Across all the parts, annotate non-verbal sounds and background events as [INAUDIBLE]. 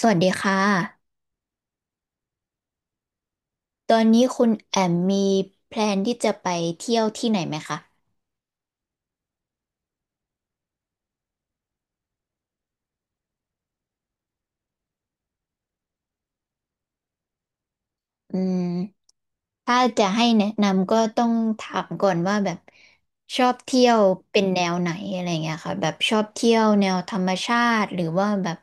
สวัสดีค่ะตอนนี้คุณแอมมีแพลนที่จะไปเที่ยวที่ไหนไหมคะ อืม ถ้าจะให้แนะนำก็ต้องถามก่อนว่าแบบชอบเที่ยวเป็นแนวไหนอะไรเงี้ยค่ะแบบชอบเที่ยวแนวธรรมชาติหรือว่าแบบ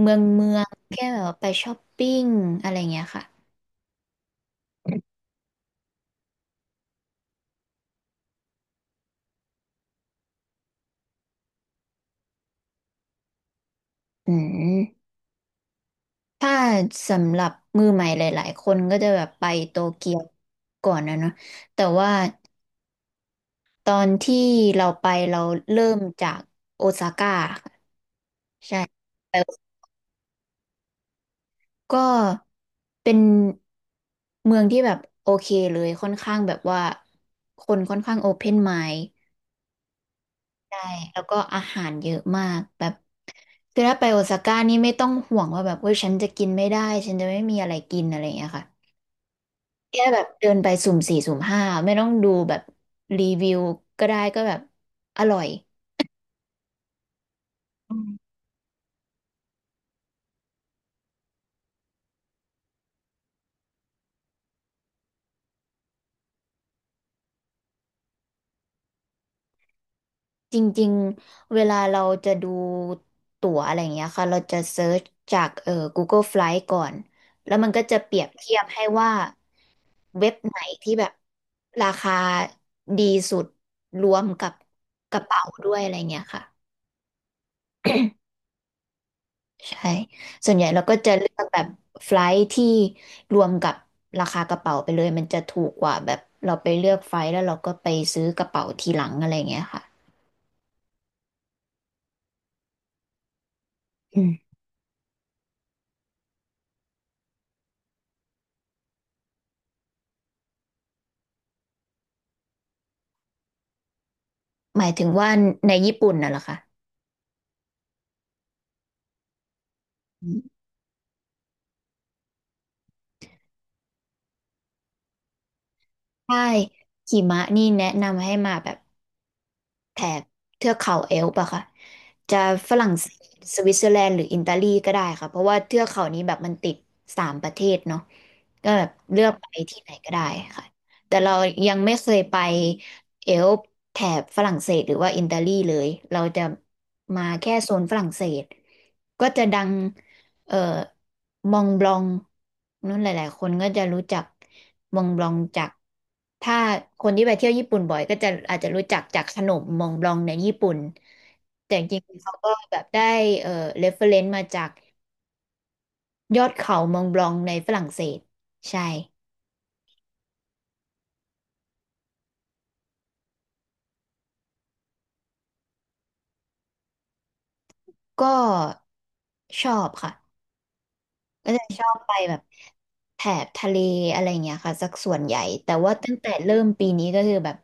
เมืองแค่แบบไปช้อปปิ้งอะไรเงี้ยค่ะอืมถ้าสำหรับมือใหม่หลายๆคนก็จะแบบไปโตเกียวก่อนนะเนาะแต่ว่า ตอนที่เราไปเราเริ่มจากโอซาก้าค่ะใช่ไปก็เป็นเมืองที่แบบโอเคเลยค่อนข้างแบบว่าคนค่อนข้างโอเพนไมด์ใช่แล้วก็อาหารเยอะมากแบบคือถ้าไปโอซาก้านี่ไม่ต้องห่วงว่าแบบเว้ยฉันจะกินไม่ได้ฉันจะไม่มีอะไรกินอะไรอย่างเงี้ยค่ะแค่แบบเดินไปสุ่มสี่สุ่มห้าไม่ต้องดูแบบรีวิวก็ได้ก็แบบอร่อย จริงๆเวลาเราจะดูตั๋วอะไรอย่างเงี้ยค่ะเราจะเซิร์ชจากGoogle Flight ก่อนแล้วมันก็จะเปรียบเทียบให้ว่าเว็บไหนที่แบบราคาดีสุดรวมกับกระเป๋าด้วยอะไรเงี้ยค่ะใช่ส่วนใหญ่เราก็จะเลือกแบบไฟลท์ที่รวมกับราคากระเป๋าไปเลยมันจะถูกกว่าแบบเราไปเลือกไฟลท์แล้วเราก็ไปซื้อกระเป๋าทีหลังอะไรเงี้ยค่ะอืมหมายถึงว่าในญี่ปุ่นน่ะเหรอคะ ใช่หิมะนี่แนะนำให้มาแบบแถบเทือกเขาเอลป์อะค่ะจะฝรั่งเศสสวิตเซอร์แลนด์หรืออิตาลีก็ได้ค่ะเพราะว่าเทือกเขานี้แบบมันติดสามประเทศเนาะก็แบบเลือกไปที่ไหนก็ได้ค่ะแต่เรายังไม่เคยไปเอลป์แถบฝรั่งเศสหรือว่าอิตาลีเลยเราจะมาแค่โซนฝรั่งเศสก็จะดังเอ่อ มองบลองนั่นหลายๆคนก็จะรู้จักมองบลองจากถ้าคนที่ไปเที่ยวญี่ปุ่นบ่อยก็จะอาจจะรู้จักจากขนมมองบลองในญี่ปุ่นแต่จริงๆเขาก็แบบได้เอ่อเรฟเฟรนซ์มาจากยอดเขามองบลองในฝรั่งเศสใช่ก็ชอบค่ะก็จะชอบไปแบบแถบทะเลอะไรเงี้ยค่ะสักส่วนใหญ่แต่ว่าตั้งแต่เริ่มปีนี้ก็คือแบบ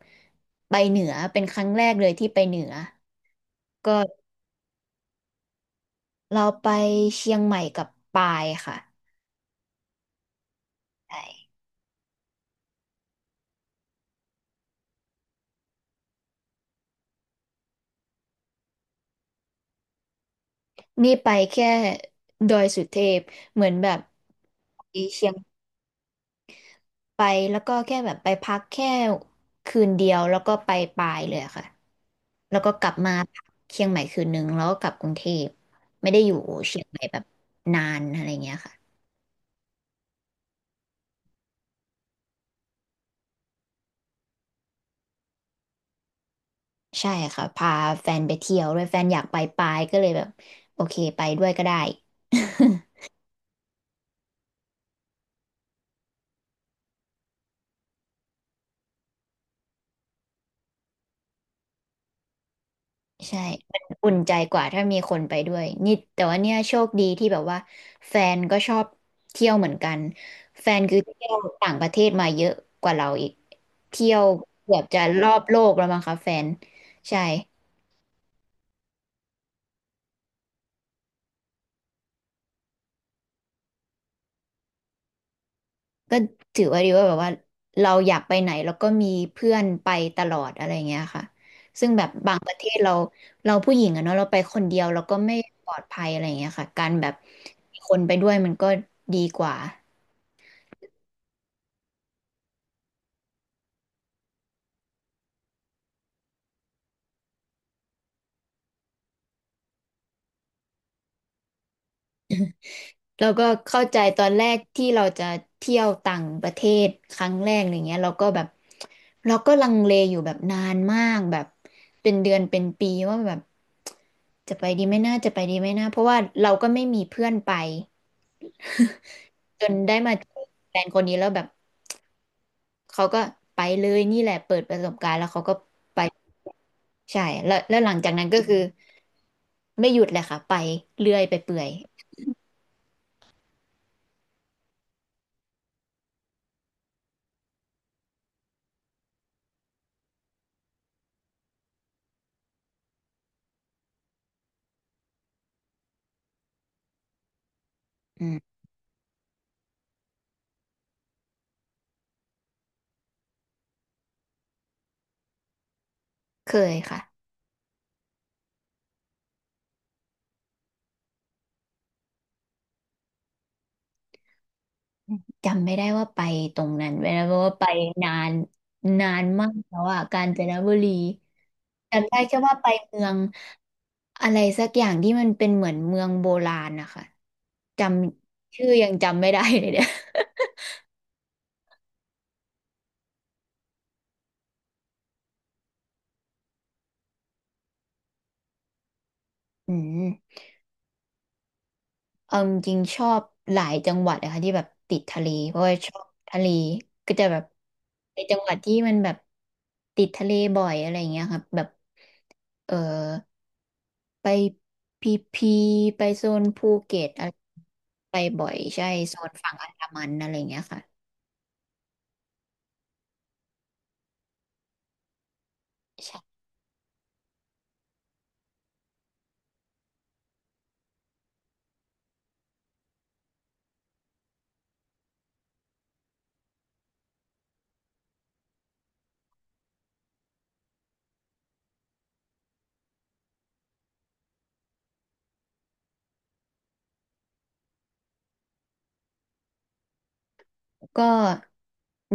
ไปเหนือเป็นครั้งแรกเลยที่ไปเหนือก็ เราไปเชียงใหม่กับปายค่ะใช่นี่ไปแค่ดอยสุเทพ เหมือนแบบไปเชียงไปแล้วก็แค่แบบไปพักแค่คืนเดียวแล้วก็ไปปายเลยอะค่ะแล้วก็กลับมาพักเชียงใหม่คืนนึงแล้วก็กลับกรุงเทพไม่ได้อยู่เชียงใหม่แบบนานอะไรเงี้ยค่ะใช่ค่ะพาแฟนไปเที่ยวด้วยแฟนอยากไปปายก็เลยแบบโอเคไปด้วยก็ได้ [LAUGHS] ใช่มันอุ่นใจกว่าถ้ามีคนไปด้วยนี่แต่ว่าเนี่ยโชคดีที่แบบว่าแฟนก็ชอบเที่ยวเหมือนกันแฟนคือเที่ยวต่างประเทศมาเยอะกว่าเราอีกเที่ยวเกือบจะรอบโลกแล้วมั้งคะแฟนใช่ก็ถือว่าดีว่าแบบว่าเราอยากไปไหนแล้วก็มีเพื่อนไปตลอดอะไรเงี้ยค่ะซึ่งแบบบางประเทศเราผู้หญิงอะเนาะเราไปคนเดียวเราก็ไม่ปลอดภัยอะไรเงี้ยค่ะการแบบมีคนไปด้วยมันก็ดีกว่า แล้วก็เข้าใจตอนแรกที่เราจะเที่ยวต่างประเทศครั้งแรกอะไรเงี้ยเราก็แบบเราก็ลังเลอยู่แบบนานมากแบบเป็นเดือนเป็นปีว่าแบบจะไปดีไหมนะจะไปดีไหมนะเพราะว่าเราก็ไม่มีเพื่อนไปจนได้มาเจอแฟนคนนี้แล้วแบบเขาก็ไปเลยนี่แหละเปิดประสบการณ์แล้วเขาก็ไปใช่แล้วหลังจากนั้นก็คือไม่หยุดเลยค่ะไปเรื่อยไปเปื่อยอืมเคยค่ะ จำไม่ได้ว่าไปตรงนั้นไปแล้วเพราะว่าไปนานนานมากแล้วอ่ะกาญจนบุรีจำได้แค่ว่าไปเมืองอะไรสักอย่างที่มันเป็นเหมือนเมืองโบราณนะคะจำชื่อยังจำไม่ได้เลยเนี่ยอืมเอาจริงๆชอบหลายจังหวัดนะคะที่แบบติดทะเลเพราะว่าชอบทะเลก็จะแบบในจังหวัดที่มันแบบติดทะเลบ่อยอะไรอย่างเงี้ยครับแบบเออ ไปพีพีไปโซนภูเก็ตอะไรไปบ่อยใช่โซนฝั่งอันดามันอะไรอย่างเงี้ยค่ะใช่ก็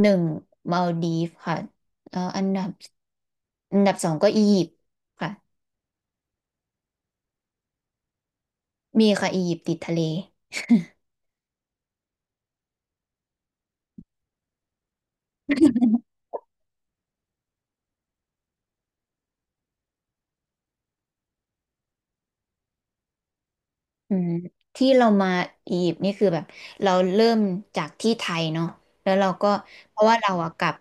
หนึ่งมาลดีฟค่ะแล้วอันดับสองก็อียิปต์ค่ะมีค่ะอียิปต์ติดทะเลอืมที่เรามาอียิปต์นี่คือแบบเราเริ่มจากที่ไทยเนาะแล้วเราก็เพราะว่าเราอะกลับ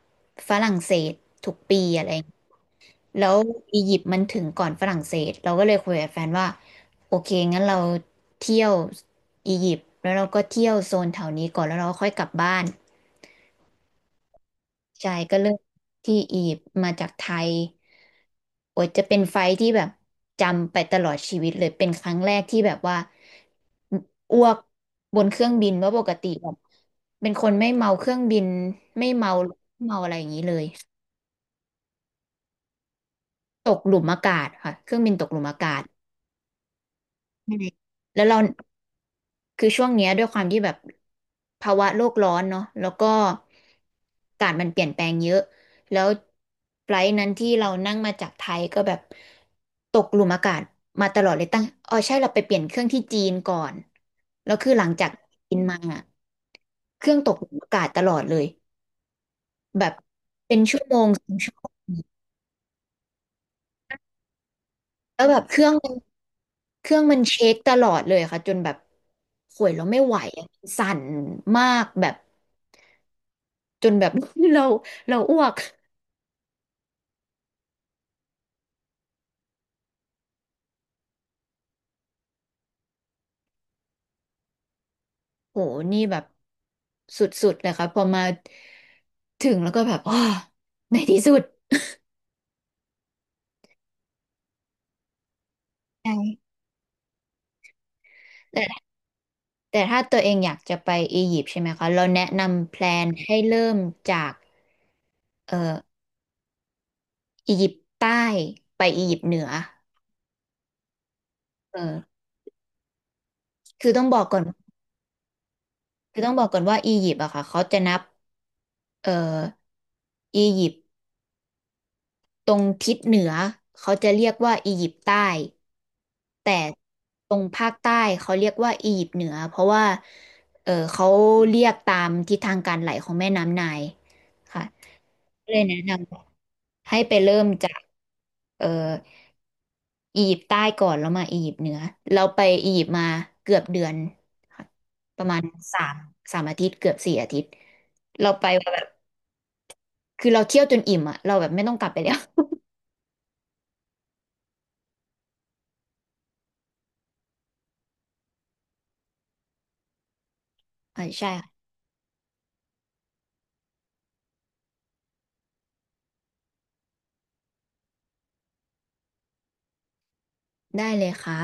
ฝรั่งเศสทุกปีอะไร แล้วอียิปต์มันถึงก่อนฝรั่งเศสเราก็เลยคุยกับแฟนว่าโอเคงั้นเราเที่ยวอียิปต์แล้วเราก็เที่ยวโซนแถวนี้ก่อนแล้วเราก็ค่อยกลับบ้านใช่ก็เริ่มที่อียิปต์มาจากไทยโอ้ยจะเป็นไฟท์ที่แบบจำไปตลอดชีวิตเลยเป็นครั้งแรกที่แบบว่าออ้วกบนเครื่องบินว่าะปกติแบบเป็นคนไม่เมาเครื่องบินไม่เมาอะไรอย่างนี้เลยตกหลุมอากาศค่ะเครื่องบินตกหลุมอากาศใช่แล้วเรา คือช่วงเนี้ยด้วยความที่แบบภาวะโลกร้อนเนาะแล้วก็อากาศมันเปลี่ยนแปลงเยอะแล้วไฟลท์นั้นที่เรานั่งมาจากไทยก็แบบตกหลุมอากาศมาตลอดเลยตั้งอ๋อใช่เราไปเปลี่ยนเครื่องที่จีนก่อนแล้วคือหลังจากจีนมาอะเครื่องตกหลุมอากาศตลอดเลยแบบเป็นชั่วโมงสองชั่วโมงแล้วแบบเครื่องมันเช็คตลอดเลยค่ะจนแบบข่วยเราไม่ไหวอะสั่นมากแบบจนแบบ [LAUGHS] เราเราอ้วก โหนี่แบบสุดๆเลยครับพอมาถึงแล้วก็แบบอ๋อในที่สุด ใช่แต่ถ้าตัวเองอยากจะไปอียิปต์ใช่ไหมคะ เราแนะนำแพลนให้เริ่มจากเอ่ออียิปต์ใต้ไปอียิปต์เหนือเออคือต้องบอกก่อนคือต้องบอกก่อนว่าอียิปต์อะค่ะเขาจะนับเอ่ออียิปต์ ตรงทิศเหนือเขาจะเรียกว่าอียิปต์ใต้แต่ตรงภาคใต้เขาเรียกว่าอียิปต์เหนือเพราะว่าเออเขาเรียกตามทิศทางการไหลของแม่น้ำไนล์ค่ะก็เลยแนะนำให้ไปเริ่มจากเอออียิปต์ใต้ก่อนแล้วมาอียิปต์เหนือเราไปอียิปต์มาเกือบเดือนค่ะประมาณสามสามอาทิตย์เกือบ4 อาทิตย์เราไปแบบคือเราเที่ยวจนอิ่มอะเราแบบไม่ต้องกลับไปแล้ว [LAUGHS] อ่าใช่ค่ะได้เลยค่ะ